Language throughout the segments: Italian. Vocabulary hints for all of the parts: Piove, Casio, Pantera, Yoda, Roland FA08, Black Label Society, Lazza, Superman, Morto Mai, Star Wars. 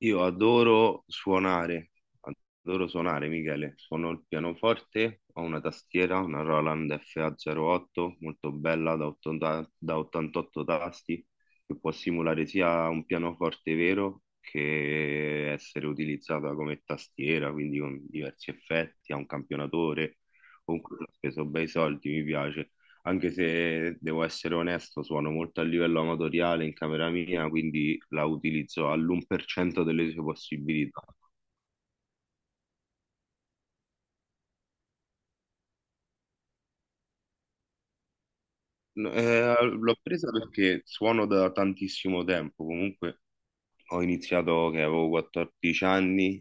Io adoro suonare, Michele. Suono il pianoforte, ho una tastiera, una Roland FA08, molto bella da 88 tasti, che può simulare sia un pianoforte vero che essere utilizzata come tastiera, quindi con diversi effetti, ha un campionatore. Comunque ho speso bei soldi, mi piace, anche se devo essere onesto, suono molto a livello amatoriale in camera mia, quindi la utilizzo all'1% delle sue possibilità. No, l'ho presa perché suono da tantissimo tempo. Comunque ho iniziato che avevo 14 anni,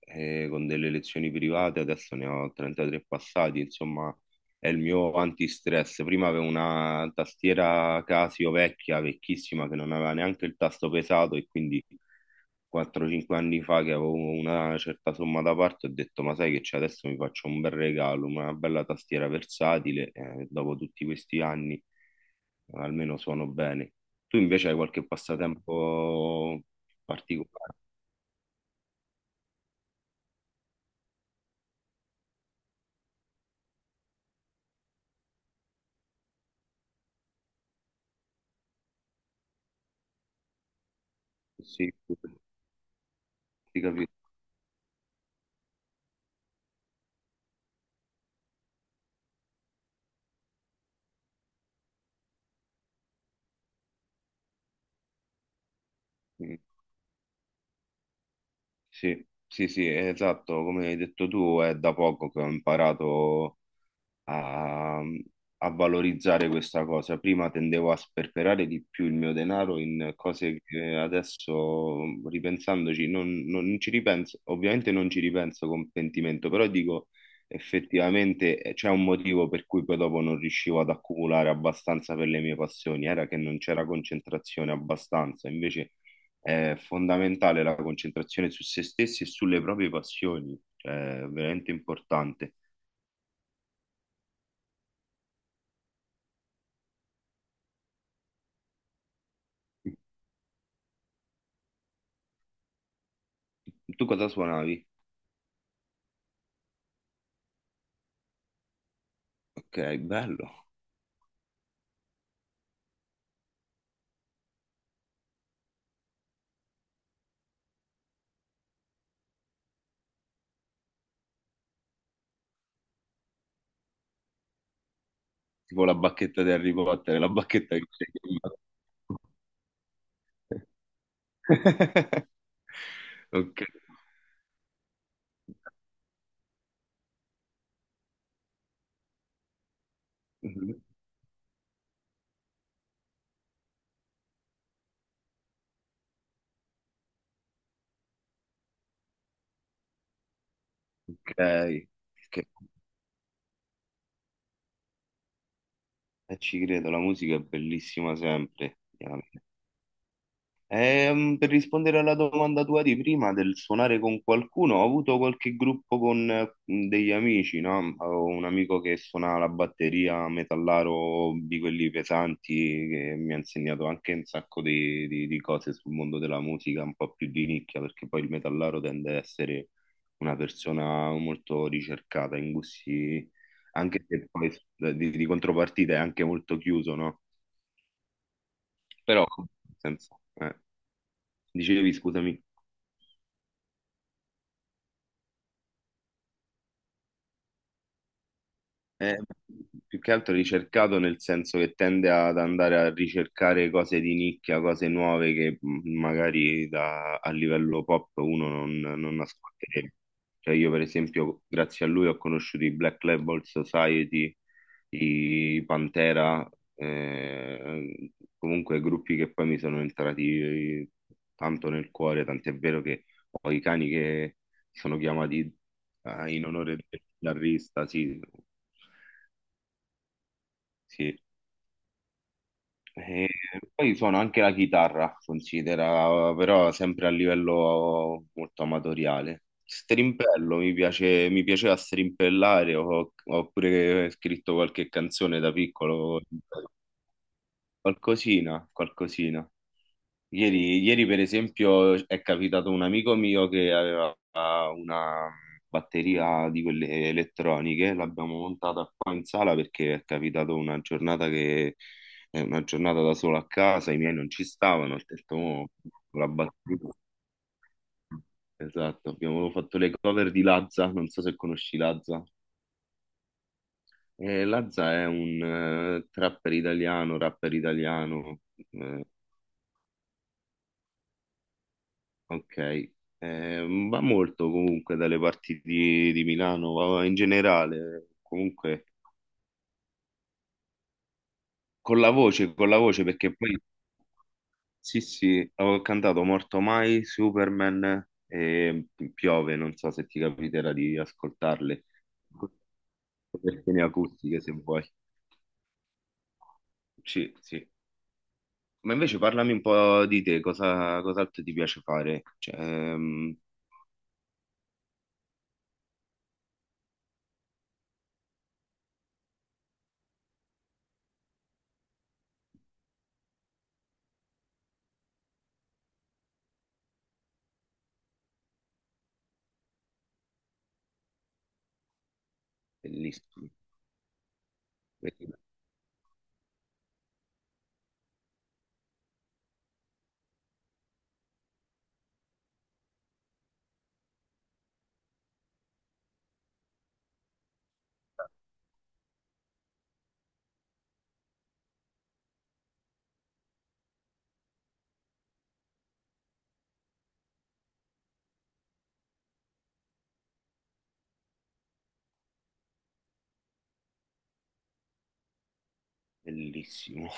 con delle lezioni private, adesso ne ho 33 passati, insomma, è il mio antistress. Prima avevo una tastiera Casio vecchia, vecchissima, che non aveva neanche il tasto pesato, e quindi 4-5 anni fa, che avevo una certa somma da parte, ho detto: ma sai che c'è? Adesso mi faccio un bel regalo, una bella tastiera versatile, dopo tutti questi anni almeno suono bene. Tu invece hai qualche passatempo particolare? Sì, ti capisco. Sì, sì, sì, sì, esatto, come hai detto tu, è da poco che ho imparato a, a valorizzare questa cosa. Prima tendevo a sperperare di più il mio denaro in cose che adesso, ripensandoci, non ci ripenso, ovviamente non ci ripenso con pentimento, però dico effettivamente, c'è un motivo per cui poi dopo non riuscivo ad accumulare abbastanza per le mie passioni, era che non c'era concentrazione abbastanza, invece è fondamentale la concentrazione su se stessi e sulle proprie passioni, cioè è veramente importante. Tu cosa suonavi? Ok, bello. Tipo la bacchetta di Harry Potter, la bacchetta che c'è in mano. Ok. Ok. Che- ci credo, la musica è bellissima sempre. Per rispondere alla domanda tua di prima del suonare con qualcuno, ho avuto qualche gruppo con, degli amici, no? Avevo un amico che suonava la batteria, metallaro di quelli pesanti, che mi ha insegnato anche un sacco di cose sul mondo della musica, un po' più di nicchia, perché poi il metallaro tende ad essere una persona molto ricercata in gusti, anche se poi, di contropartita è anche molto chiuso, no? Però, senza, dicevi, scusami. Eh, più che altro ricercato nel senso che tende ad andare a ricercare cose di nicchia, cose nuove che, magari a livello pop uno non ascolterebbe. Cioè io per esempio grazie a lui ho conosciuto i Black Label Society, i Pantera, eh, comunque gruppi che poi mi sono entrati, tanto nel cuore, tant'è vero che ho i cani che sono chiamati, in onore del chitarrista, sì. Sì. E poi suono anche la chitarra, considera, però sempre a livello molto amatoriale. Strimpello, mi piace, mi piaceva strimpellare, ho pure scritto qualche canzone da piccolo, qualcosina, qualcosina. Ieri, ieri, per esempio, è capitato un amico mio che aveva una batteria di quelle elettroniche, l'abbiamo montata qua in sala perché è capitato una giornata che è una giornata da solo a casa, i miei non ci stavano, ho detto: "Mo, la batteria". Esatto, abbiamo fatto le cover di Lazza, non so se conosci Lazza. Lazza è un, trapper italiano, rapper italiano. eh, Ok. Va molto comunque dalle parti di Milano, va in generale, comunque. Con la voce, con la voce, perché poi sì, sì, avevo cantato Morto Mai, Superman e Piove, non so se ti capiterà di ascoltarle, versioni acustiche se vuoi. Sì, sì. Ma invece parlami un po' di te, cos'altro ti piace fare? Cioè, bellissimo, bellissimo.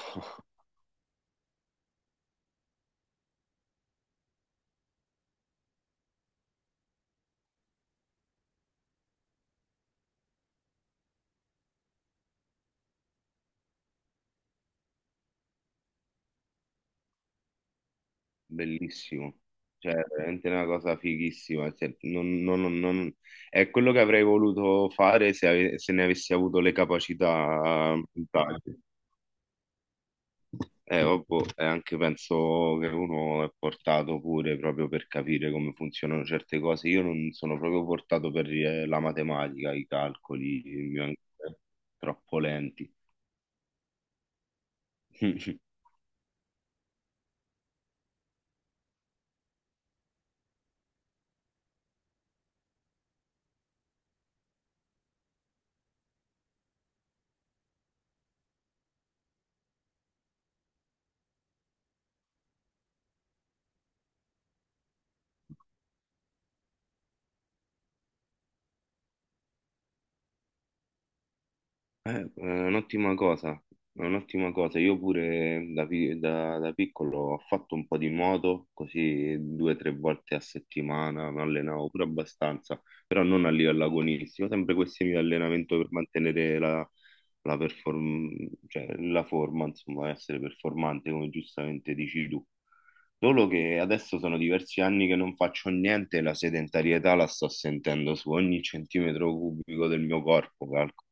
Bellissimo, cioè è veramente una cosa fighissima, cioè, è quello che avrei voluto fare se ne avessi avuto le capacità, in Italia. Ovvio, e anche penso che uno è portato pure proprio per capire come funzionano certe cose. Io non sono proprio portato per, la matematica, i calcoli, i miei- troppo lenti. È un'ottima cosa, è un'ottima cosa. Io pure da piccolo ho fatto un po' di nuoto, così due o tre volte a settimana, mi allenavo pure abbastanza, però non a livello agonistico, sempre questioni di allenamento per mantenere cioè, la forma, insomma, essere performante, come giustamente dici tu. Solo che adesso sono diversi anni che non faccio niente e la sedentarietà la sto sentendo su ogni centimetro cubico del mio corpo, calcolo.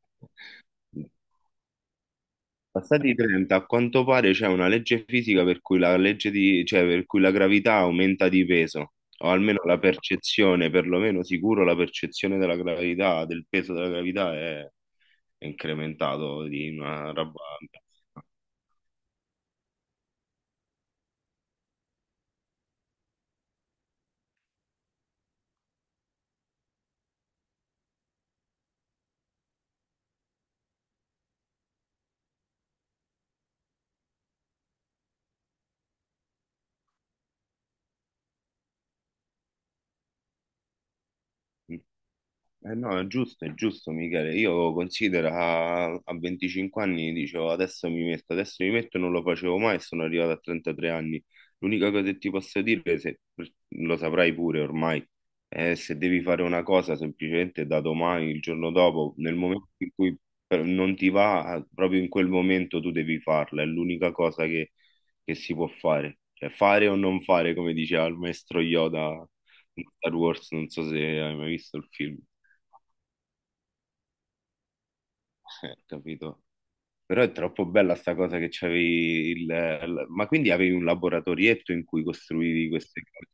Passati i 30, a quanto pare c'è una legge fisica per cui cioè per cui la gravità aumenta di peso, o almeno la percezione, perlomeno sicuro la percezione della gravità, del peso della gravità è incrementato di una roba. Eh no, è giusto, Michele. Io considero a 25 anni dicevo adesso mi metto, non lo facevo mai e sono arrivato a 33 anni. L'unica cosa che ti posso dire, se lo saprai pure ormai, è se devi fare una cosa semplicemente da domani, il giorno dopo, nel momento in cui non ti va, proprio in quel momento tu devi farla, è l'unica cosa che si può fare. Cioè fare o non fare, come diceva il maestro Yoda in Star Wars, non so se hai mai visto il film. Capito. Però è troppo bella sta cosa che c'avevi il. Ma quindi avevi un laboratorietto in cui costruivi queste cose?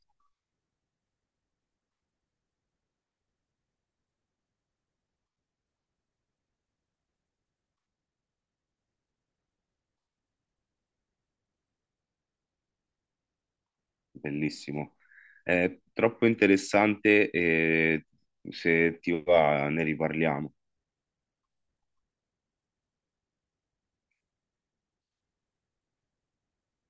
Bellissimo. È troppo interessante, e se ti va ne riparliamo.